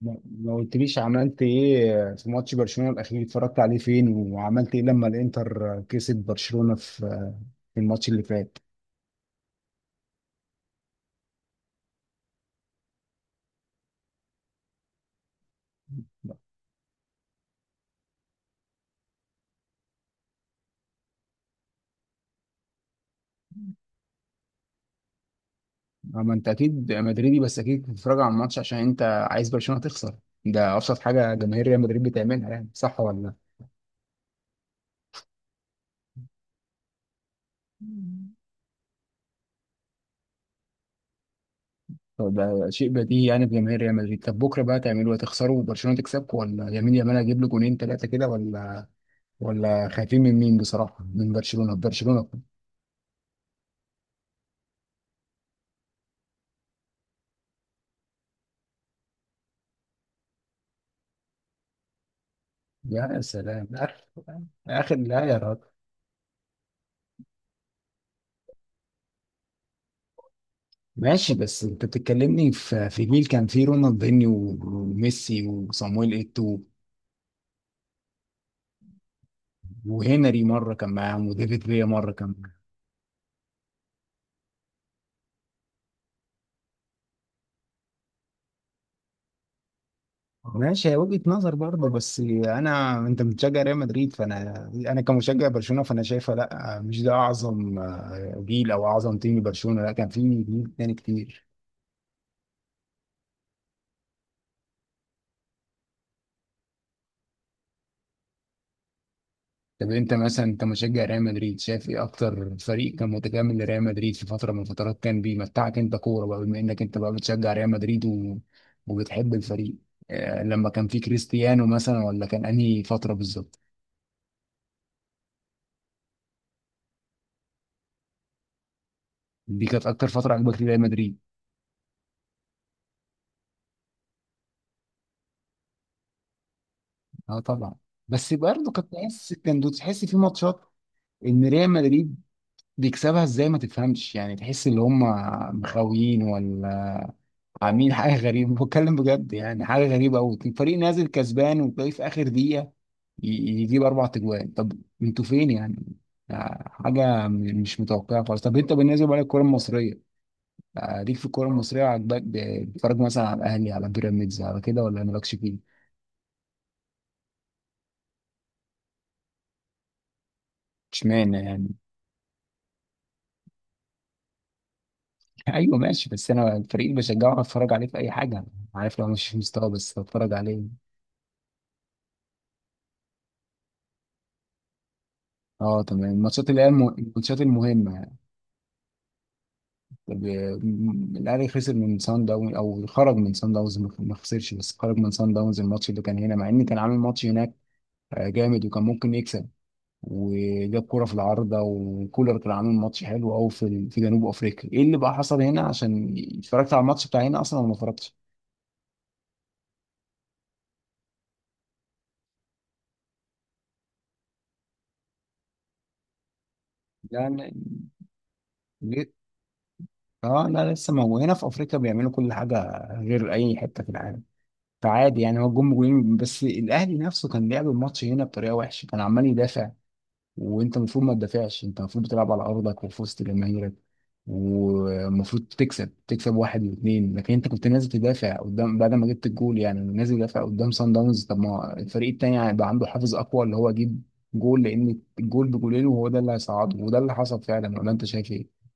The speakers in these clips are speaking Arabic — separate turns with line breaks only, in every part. ما قلتليش عملت ايه في ماتش برشلونة الاخير؟ اتفرجت عليه فين وعملت ايه لما الانتر كسب برشلونة في الماتش اللي فات؟ اما انت اكيد مدريدي، بس اكيد بتتفرج على الماتش عشان انت عايز برشلونة تخسر. ده ابسط حاجة جماهير ريال مدريد بتعملها، يعني صح ولا لا؟ مم. طب ده شيء بديهي يعني في جماهير ريال مدريد. طب بكرة بقى تعملوا ايه، تخسروا وبرشلونة تكسبكم، ولا يمين يامال هيجيب له جونين ثلاثة كده، ولا خايفين من مين بصراحة، من برشلونة برشلونة؟ يا سلام، اخر لا يا راجل. ماشي، بس انت بتتكلمني في جيل كان فيه رونالدينيو وميسي وصامويل ايتو، وهنري مره كان معاهم، وديفيد فيا مره كان معاهم. ماشي، هي وجهه نظر برضه، بس انا، انت بتشجع ريال مدريد، فانا كمشجع برشلونه، فانا شايفه لا، مش ده اعظم جيل او اعظم تيم برشلونه، لا كان فيه جيل تاني كتير. طب انت مثلا، انت مشجع ريال مدريد، شايف ايه اكتر فريق كان متكامل لريال مدريد في فتره من الفترات كان بيمتعك انت كوره، بقى بما انك انت بقى بتشجع ريال مدريد وبتحب الفريق؟ آه، لما كان في كريستيانو مثلا، ولا كان انهي فتره بالظبط؟ دي كانت اكتر فتره عجبك لريال مدريد؟ اه طبعا. بس برضه كنت تحس، تحس في ماتشات ان ريال مدريد بيكسبها ازاي، ما تفهمش يعني، تحس ان هم مخاويين، ولا عاملين حاجه غريبه؟ بتكلم بجد، يعني حاجه غريبه قوي، الفريق نازل كسبان وتلاقيه في اخر دقيقه ي- يجيب اربع تجوان. طب انتوا فين يعني؟ حاجه مش متوقعه خالص. طب انت بالنسبه لك الكره المصريه، ليك في الكوره المصريه عاجباك، بتتفرج مثلا على الاهلي، على بيراميدز، على كده، ولا مالكش فيه؟ اشمعنى يعني؟ ايوه ماشي، بس انا الفريق اللي بشجعه هتفرج عليه في اي حاجه، عارف، لو مش في مستوى بس هتفرج عليه. اه تمام، الماتشات اللي هي الماتشات المهمه. طب الاهلي خسر من سان داونز، او خرج من سان داونز، ما خسرش بس خرج من سان داونز الماتش اللي كان هنا، مع ان كان عامل ماتش هناك جامد، وكان ممكن يكسب، وجاب كرة في العارضة، وكولر كان عامل ماتش حلو قوي في جنوب افريقيا. ايه اللي بقى حصل هنا؟ عشان اتفرجت على الماتش بتاع هنا اصلا، ولا ما اتفرجتش؟ لا لا. ليه؟ اه لا، لسه، ما هو هنا في افريقيا بيعملوا كل حاجة غير اي حتة في العالم. فعادي يعني، هو جم جولين، بس الاهلي نفسه كان لعب الماتش هنا بطريقه وحشه، كان عمال يدافع. وانت المفروض ما تدافعش، انت المفروض بتلعب على ارضك وفي وسط جماهيرك، والمفروض تكسب، تكسب واحد واثنين، لكن انت كنت نازل تدافع قدام بعد ما جبت الجول، يعني نازل تدافع قدام سان داونز. طب ما الفريق التاني هيبقى عنده حافز اقوى اللي هو يجيب جول، لان الجول بجولين، وهو ده اللي هيصعده، وده اللي حصل فعلا. ولا انت شايف ايه؟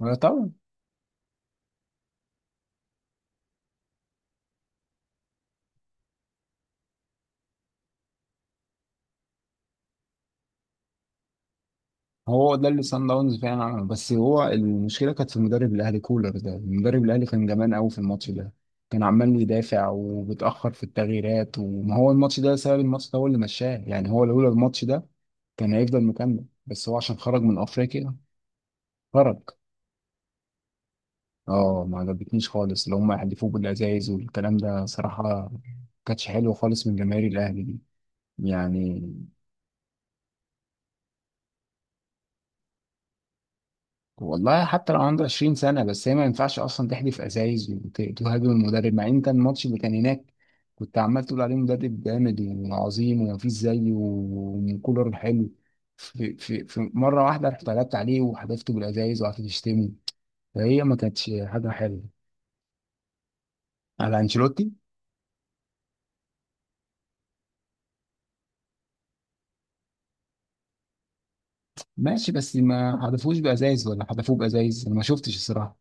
ولا طبعا. هو ده اللي صن داونز فعلا عمله، بس هو المشكله كانت في المدرب الاهلي كولر. ده المدرب الاهلي كان جبان قوي في الماتش ده، كان عمال يدافع وبيتاخر في التغييرات. وما هو الماتش ده سبب، الماتش ده هو اللي مشاه يعني، هو لولا الماتش ده كان هيفضل مكمل، بس هو عشان خرج من افريقيا خرج. اه ما عجبتنيش خالص، اللي هم يحدفوه بالازايز والكلام ده صراحه كانتش حلوه خالص من جماهير الاهلي دي يعني. والله حتى لو عنده 20 سنة، بس هي ما ينفعش أصلا تحدف أزايز وتهاجم المدرب، مع إن أنت الماتش اللي كان هناك كنت عمال تقول عليه مدرب جامد وعظيم ومفيش زيه وكولر حلو، في مرة واحدة رحت قلبت عليه وحدفته بالأزايز وقعدت تشتمه، فهي ما كانتش حاجة حلوة. على أنشيلوتي ماشي، بس ما حدفوش بأزايز، ولا حدفوه بأزايز أنا ما شفتش الصراحة.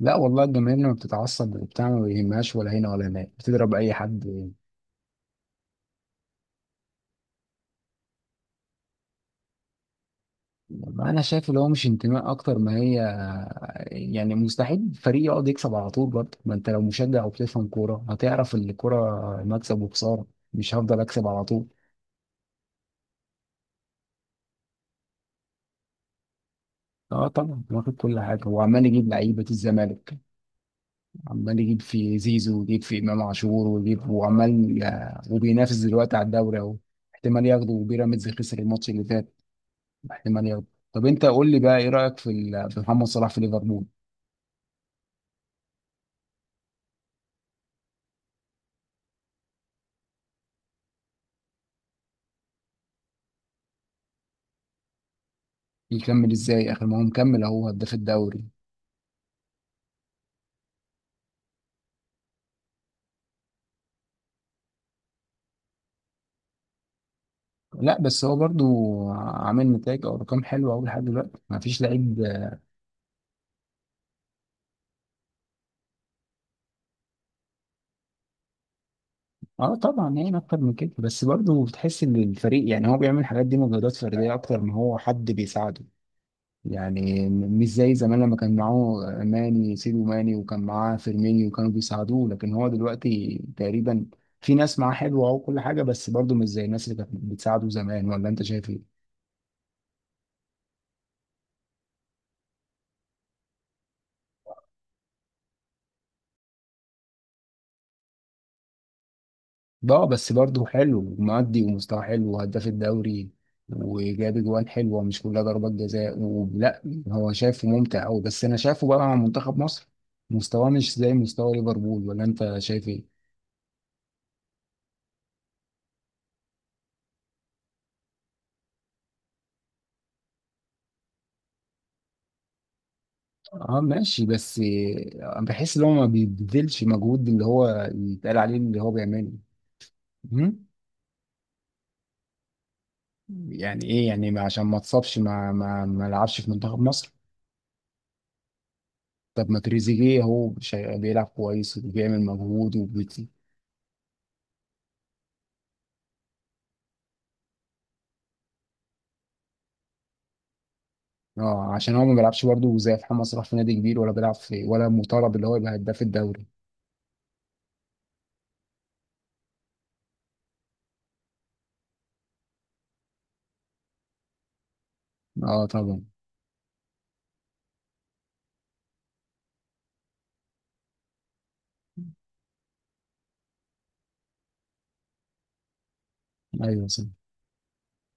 لا والله، الجماهير لما بتتعصب وبتاع ما بيهمهاش، ولا هنا ولا هناك، بتضرب أي حد. والله انا شايف اللي هو مش انتماء اكتر ما هي، يعني مستحيل فريق يقعد يكسب على طول برضه، ما انت لو مشجع وبتفهم كوره هتعرف ان الكوره مكسب وخساره، مش هفضل اكسب على طول. اه طبعا، واخد كل حاجه، وعمال يجيب لعيبه الزمالك. عمال يجيب في زيزو، ويجيب في امام عاشور، ويجيب، وعمال وبينافس دلوقتي على الدوري اهو، احتمال ياخده، وبيراميدز خسر الماتش اللي فات، احتمال ياخده. طب انت قول لي بقى، ايه رايك في في محمد صلاح في ليفربول؟ يكمل ازاي اخر؟ ما هو مكمل اهو، هداف الدوري. لا، بس هو برضو عامل نتائج او ارقام حلوه قوي لحد دلوقتي، ما فيش لعيب. اه طبعا، يعني اكتر من كده، بس برضو بتحس ان الفريق، يعني هو بيعمل الحاجات دي مجهودات فرديه اكتر ما هو حد بيساعده، يعني مش زي زمان لما كان معاه سيدو ماني وكان معاه فيرمينيو وكانوا بيساعدوه، لكن هو دلوقتي تقريبا في ناس معاه حلوه وكل حاجه، بس برضو مش زي الناس اللي كانت بتساعده زمان. ولا انت شايف ايه؟ بقى، بس برضه حلو، معدي، ومستوى حلو، وهداف الدوري، وجاب اجوان حلوه مش كلها ضربات جزاء ولا، هو شايفه ممتع قوي، بس انا شايفه بقى مع منتخب مصر مستواه مش زي مستوى ليفربول. ولا انت شايف ايه؟ اه ماشي، بس بحس ان هو ما بيبذلش مجهود، اللي هو يتقال عليه اللي هو بيعمله. مم؟ يعني ايه يعني، عشان ما اتصابش ما لعبش في منتخب مصر؟ طب ما تريزيجيه هو بيلعب كويس وبيعمل مجهود. اه، عشان هو ما بيلعبش برضه زي محمد صلاح في نادي كبير، ولا بيلعب في، ولا مطالب اللي هو يبقى هداف الدوري. اه طبعا. ايوه صح.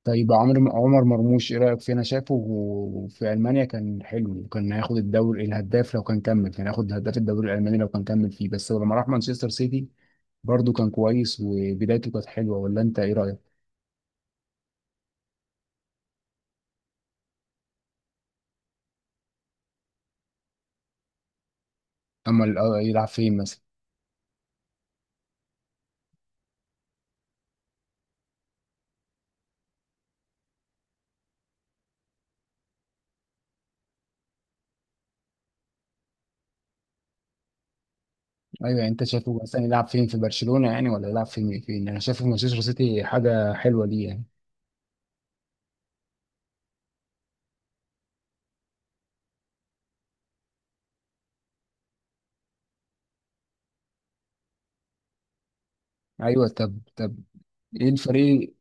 طيب عمر مرموش، ايه رايك فيه؟ انا شايفه في المانيا كان حلو، وكان هياخد الدوري الهداف لو كان كمل، كان هياخد هداف الدوري الالماني لو كان كمل فيه، بس لما راح مانشستر سيتي برضه كان كويس وبدايته كانت حلوه. ولا انت ايه رايك؟ اما يلعب فين مثلا؟ ايوه يعني، انت شايفه مثلا يلعب فين؟ في برشلونه يعني؟ ولا يلعب فين انا شايفه في مانشستر سيتي حاجه حلوه ليه يعني؟ ايوه طب ايه الفريق،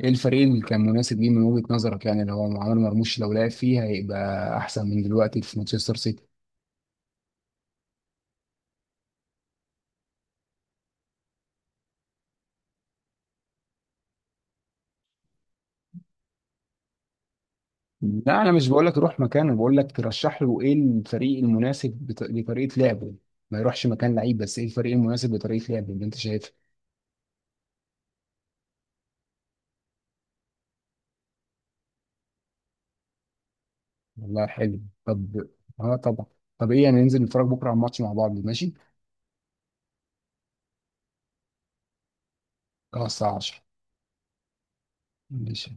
ايه الفريق اللي كان مناسب ليه من وجهة نظرك، يعني لو عمر مرموش لو لعب فيه هيبقى احسن من دلوقتي في مانشستر سيتي؟ لا انا مش بقول لك روح مكانه، بقول لك ترشح له ايه الفريق المناسب لطريقة لعبه. ما يروحش مكان لعيب، بس ايه الفريق المناسب لطريقة لعبه اللي انت شايفها؟ والله حلو. طب. اه طبعا. طب ايه يعني، ننزل نتفرج بكره على الماتش مع بعض، ماشي؟ خلاص، الساعه 10. ماشي.